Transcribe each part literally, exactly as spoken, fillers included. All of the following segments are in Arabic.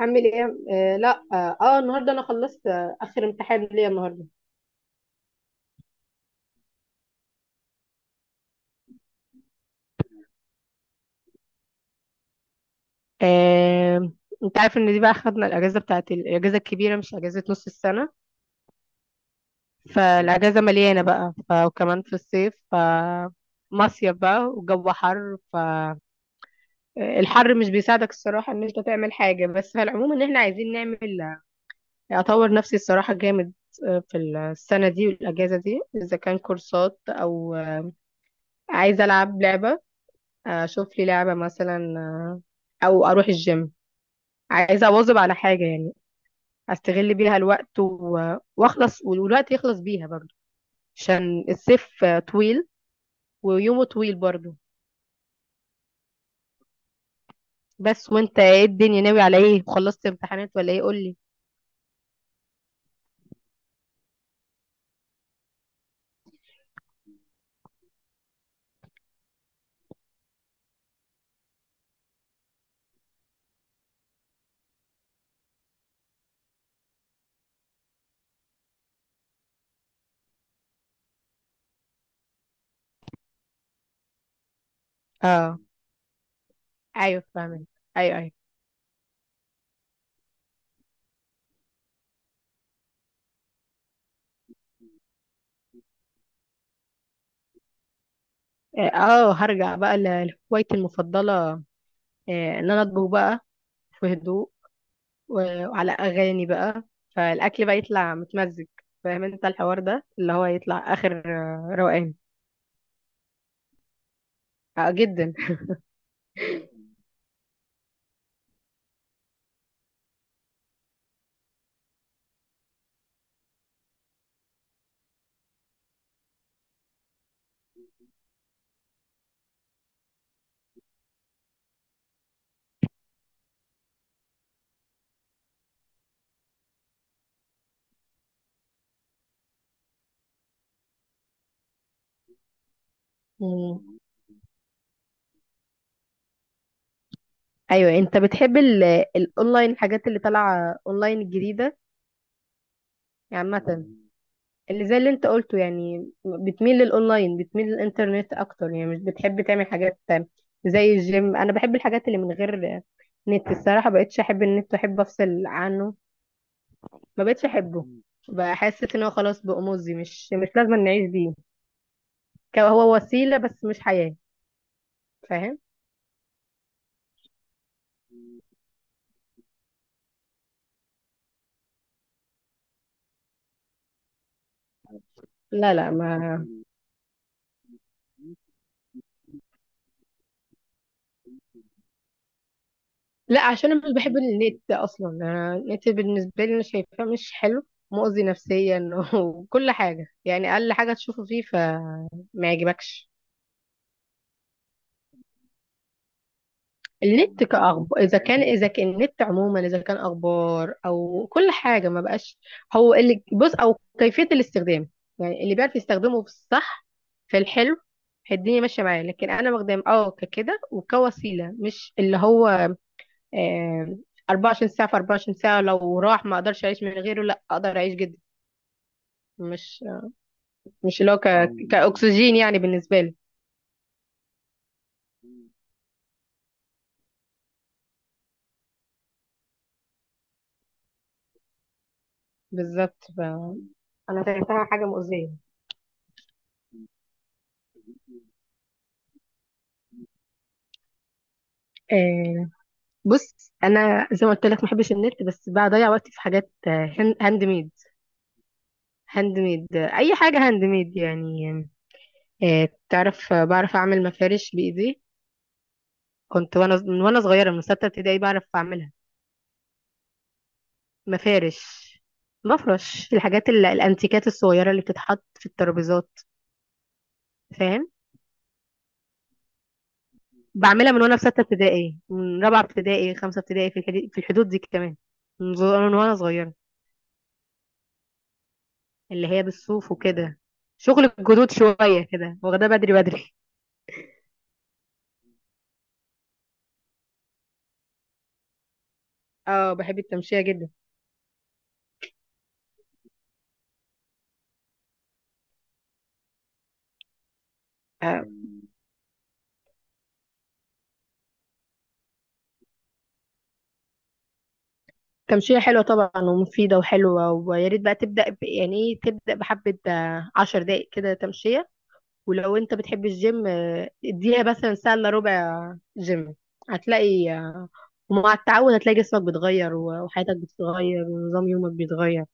اعمل ايه آه لا اه آه، النهارده انا خلصت، آه، اخر امتحان ليا النهارده. آه، انت عارف ان دي بقى خدنا الاجازه بتاعت الاجازه الكبيره مش اجازه نص السنه، فالاجازه مليانه بقى ف- وكمان في الصيف، ف مصيف بقى والجو حر. فالحر مش بيساعدك الصراحه ان انت تعمل حاجه، بس في العموم ان احنا عايزين نعمل، اطور نفسي الصراحه جامد آه، في السنه دي والاجازه دي، اذا كان كورسات او آه، عايزه العب لعبه، اشوف لي لعبة مثلا، آه، او اروح الجيم. عايزة اواظب على حاجة يعني، استغل بيها الوقت و- واخلص والوقت يخلص بيها برضو، عشان الصيف آه، طويل ويومه طويل برضو. بس وانت ايه الدنيا، ناوي على ايه؟ خلصت امتحانات ولا ايه؟ قولي. اه، ايوه فاهمك. ايوه ايوه. اه، هرجع بقى ل- لهوايتي المفضلة، آه، ان انا اطبخ بقى في هدوء و- وعلى اغاني بقى، فالاكل بقى يطلع متمزج. فاهم انت الحوار ده اللي هو يطلع اخر آه، روقان. آه، جدا. مم. ايوه انت بتحب ال- الاونلاين، الحاجات اللي طالعه اونلاين الجديده، يعني عامه اللي زي اللي انت قلته، يعني بتميل للاونلاين، بتميل للانترنت اكتر، يعني مش بتحب تعمل حاجات زي الجيم. انا بحب الحاجات اللي من غير نت الصراحه، بقتش احب النت، احب افصل عنه. ما بقتش احبه، بحس ان هو خلاص بقى مؤذي، مش مش لازم نعيش بيه. كان هو وسيلة بس مش حياة. فاهم. لا لا ما، لا عشان انا مش بحب النت اصلا. أنا النت بالنسبه لي انا شايفاه مش حلو، مؤذي نفسيا وكل حاجه يعني، اقل حاجه تشوفه فيه فما يعجبكش. النت كأخبار، إذا كان إذا كان النت عموما، إذا كان أخبار أو كل حاجة، ما بقاش هو اللي بص، أو كيفية الاستخدام، يعني اللي بيعرف يستخدمه في الصح في الحلو الدنيا ماشية معاه. لكن أنا بخدم أه ككده وكوسيلة، مش اللي هو آه، اربعة وعشرين ساعة في اربعة وعشرين ساعة لو راح ما اقدرش اعيش من غيره. لا اقدر اعيش جدا، مش مش اللي هو ك... كأكسجين يعني بالنسبة لي. بالظبط ف... انا شايفاها حاجه مؤذيه. آه بص، انا زي ما قلت لك ما بحبش النت، بس بضيع وقتي في حاجات آه، هن- هاند ميد. هاند ميد آه، اي حاجه هاند ميد يعني. آه تعرف، آه، بعرف اعمل مفارش بايدي، كنت وانا من وانا صغيره من سته ابتدائي بعرف اعملها. مفارش، مفرش، الحاجات ال- الانتيكات الصغيره اللي بتتحط في الترابيزات، فاهم. بعملها من وانا في سته ابتدائي، من رابعه ابتدائي خمسه ابتدائي، في الحدود، في الحدود دي كمان، من زو- من وانا صغيره. اللي هي بالصوف وكده، شغل الجدود شويه كده، واخداه بدري بدري. اه بحب التمشيه جدا. آه، تمشية حلوة طبعا ومفيدة وحلوة، ويا ريت بقى تبدأ ب... يعني ايه، تبدأ بحبة آه، عشر دقايق كده تمشية. ولو انت بتحب الجيم، آه، اديها مثلا ساعة الا ربع جيم. هتلاقي، آه، ومع التعود هتلاقي جسمك بيتغير و- وحياتك بتتغير ونظام يومك بيتغير.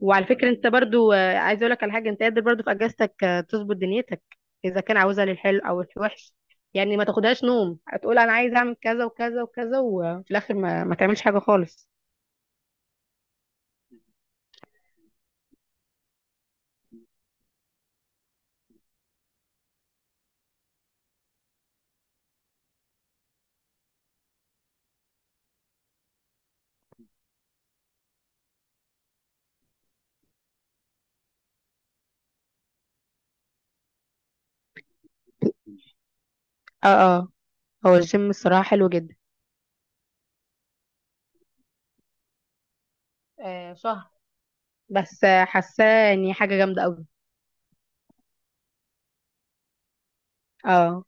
وعلى فكرة انت برضو، آه، عايزة اقولك على حاجة، انت قادر برضو في اجازتك آه، تظبط دنيتك، اذا كان عاوزها للحلو او الوحش. يعني ما تاخدهاش نوم، هتقول انا عايز اعمل كذا وكذا وكذا وفي الاخر ما, ما تعملش حاجة خالص. اه اه. هو الجيم الصراحة حلو جدا. آه شهر، بس آه، حاساه اني حاجة جامدة قوي. اه.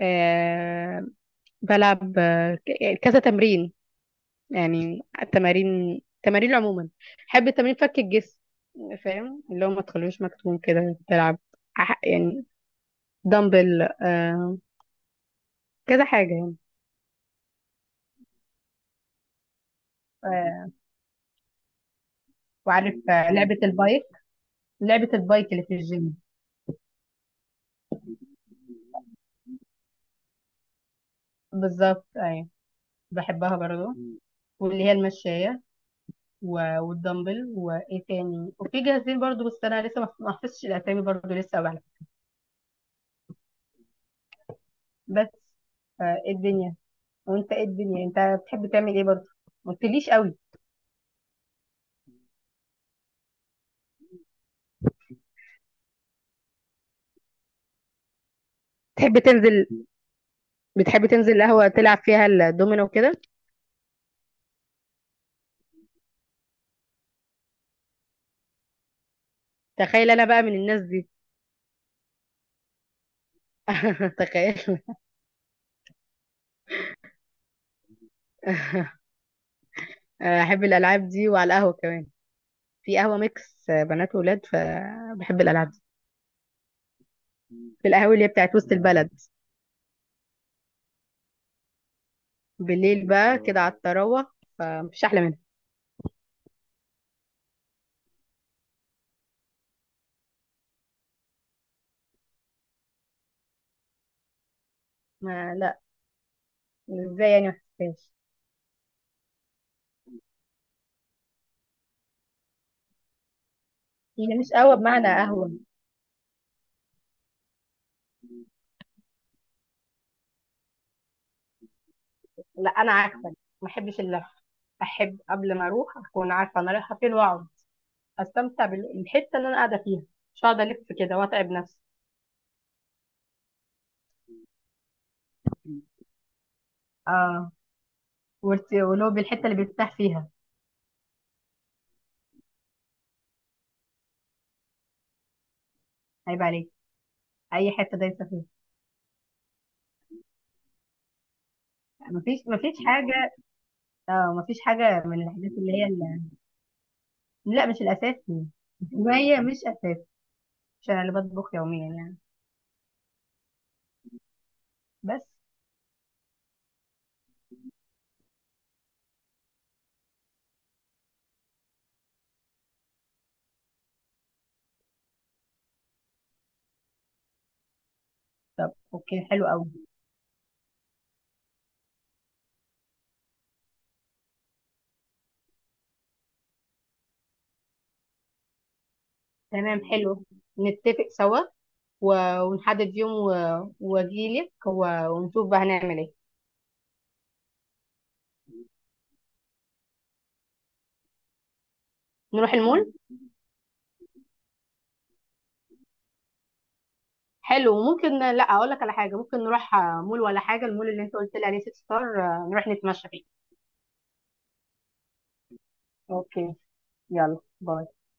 آه بلعب، آه، ك- يعني كذا تمرين. يعني التمارين، التمارين عموما بحب التمارين فك الجسم، فاهم، اللي هو ما تخلوش مكتوم كده تلعب. أح- يعني دمبل، آه كذا حاجة يعني. آه وعارف، آه، لعبة البايك، لعبة البايك اللي في الجيم. بالظبط أيوة. بحبها برضو، واللي هي المشاية و- والدمبل وإيه تاني، وفي جاهزين برضو، بس أنا لسه ما ما حفظتش الأسامي برضو لسه أوي على فكرة. بس، آه، إيه الدنيا؟ وانت ايه الدنيا، انت بتحب تعمل ايه برضه؟ ما قلتليش قوي. بتحب تنزل، بتحب تنزل القهوة تلعب فيها الدومينو وكده؟ تخيل انا بقى من الناس دي. تخيل. احب الالعاب دي، وعلى القهوة كمان. في قهوة ميكس بنات وولاد، فبحب الالعاب دي، في القهوة اللي هي بتاعت وسط البلد. بالليل بقى كده على التروح، فمفيش احلى منها. ما لا، ازاي يعني ما حسيتهاش؟ هي مش قهوه بمعنى قهوه. لا انا عكسك، ما احبش اللف. احب قبل ما اروح اكون عارفه انا رايحه فين واقعد، استمتع بالحته اللي انا قاعده فيها. مش هقعد الف كده واتعب نفسي. اه. وارت- ولو بالحته اللي بيرتاح فيها. عيب عليك، اي حته دايسه فيها. مفيش مفيش حاجه. اه مفيش حاجه من الحاجات اللي هي اللي... لا مش الاساسي. ما هي مش اساسي، مش انا اللي بطبخ يوميا يعني، بس. طب اوكي، حلو قوي. تمام حلو، نتفق سوا و- ونحدد يوم و- واجيلك و- ونشوف بقى هنعمل ايه. نروح المول. حلو، ممكن لا اقول لك على حاجه، ممكن نروح آه، مول ولا حاجه، المول اللي انت قلت لي عليه سيتي ستار، آه، نروح نتمشى فيه. اوكي. يلا باي.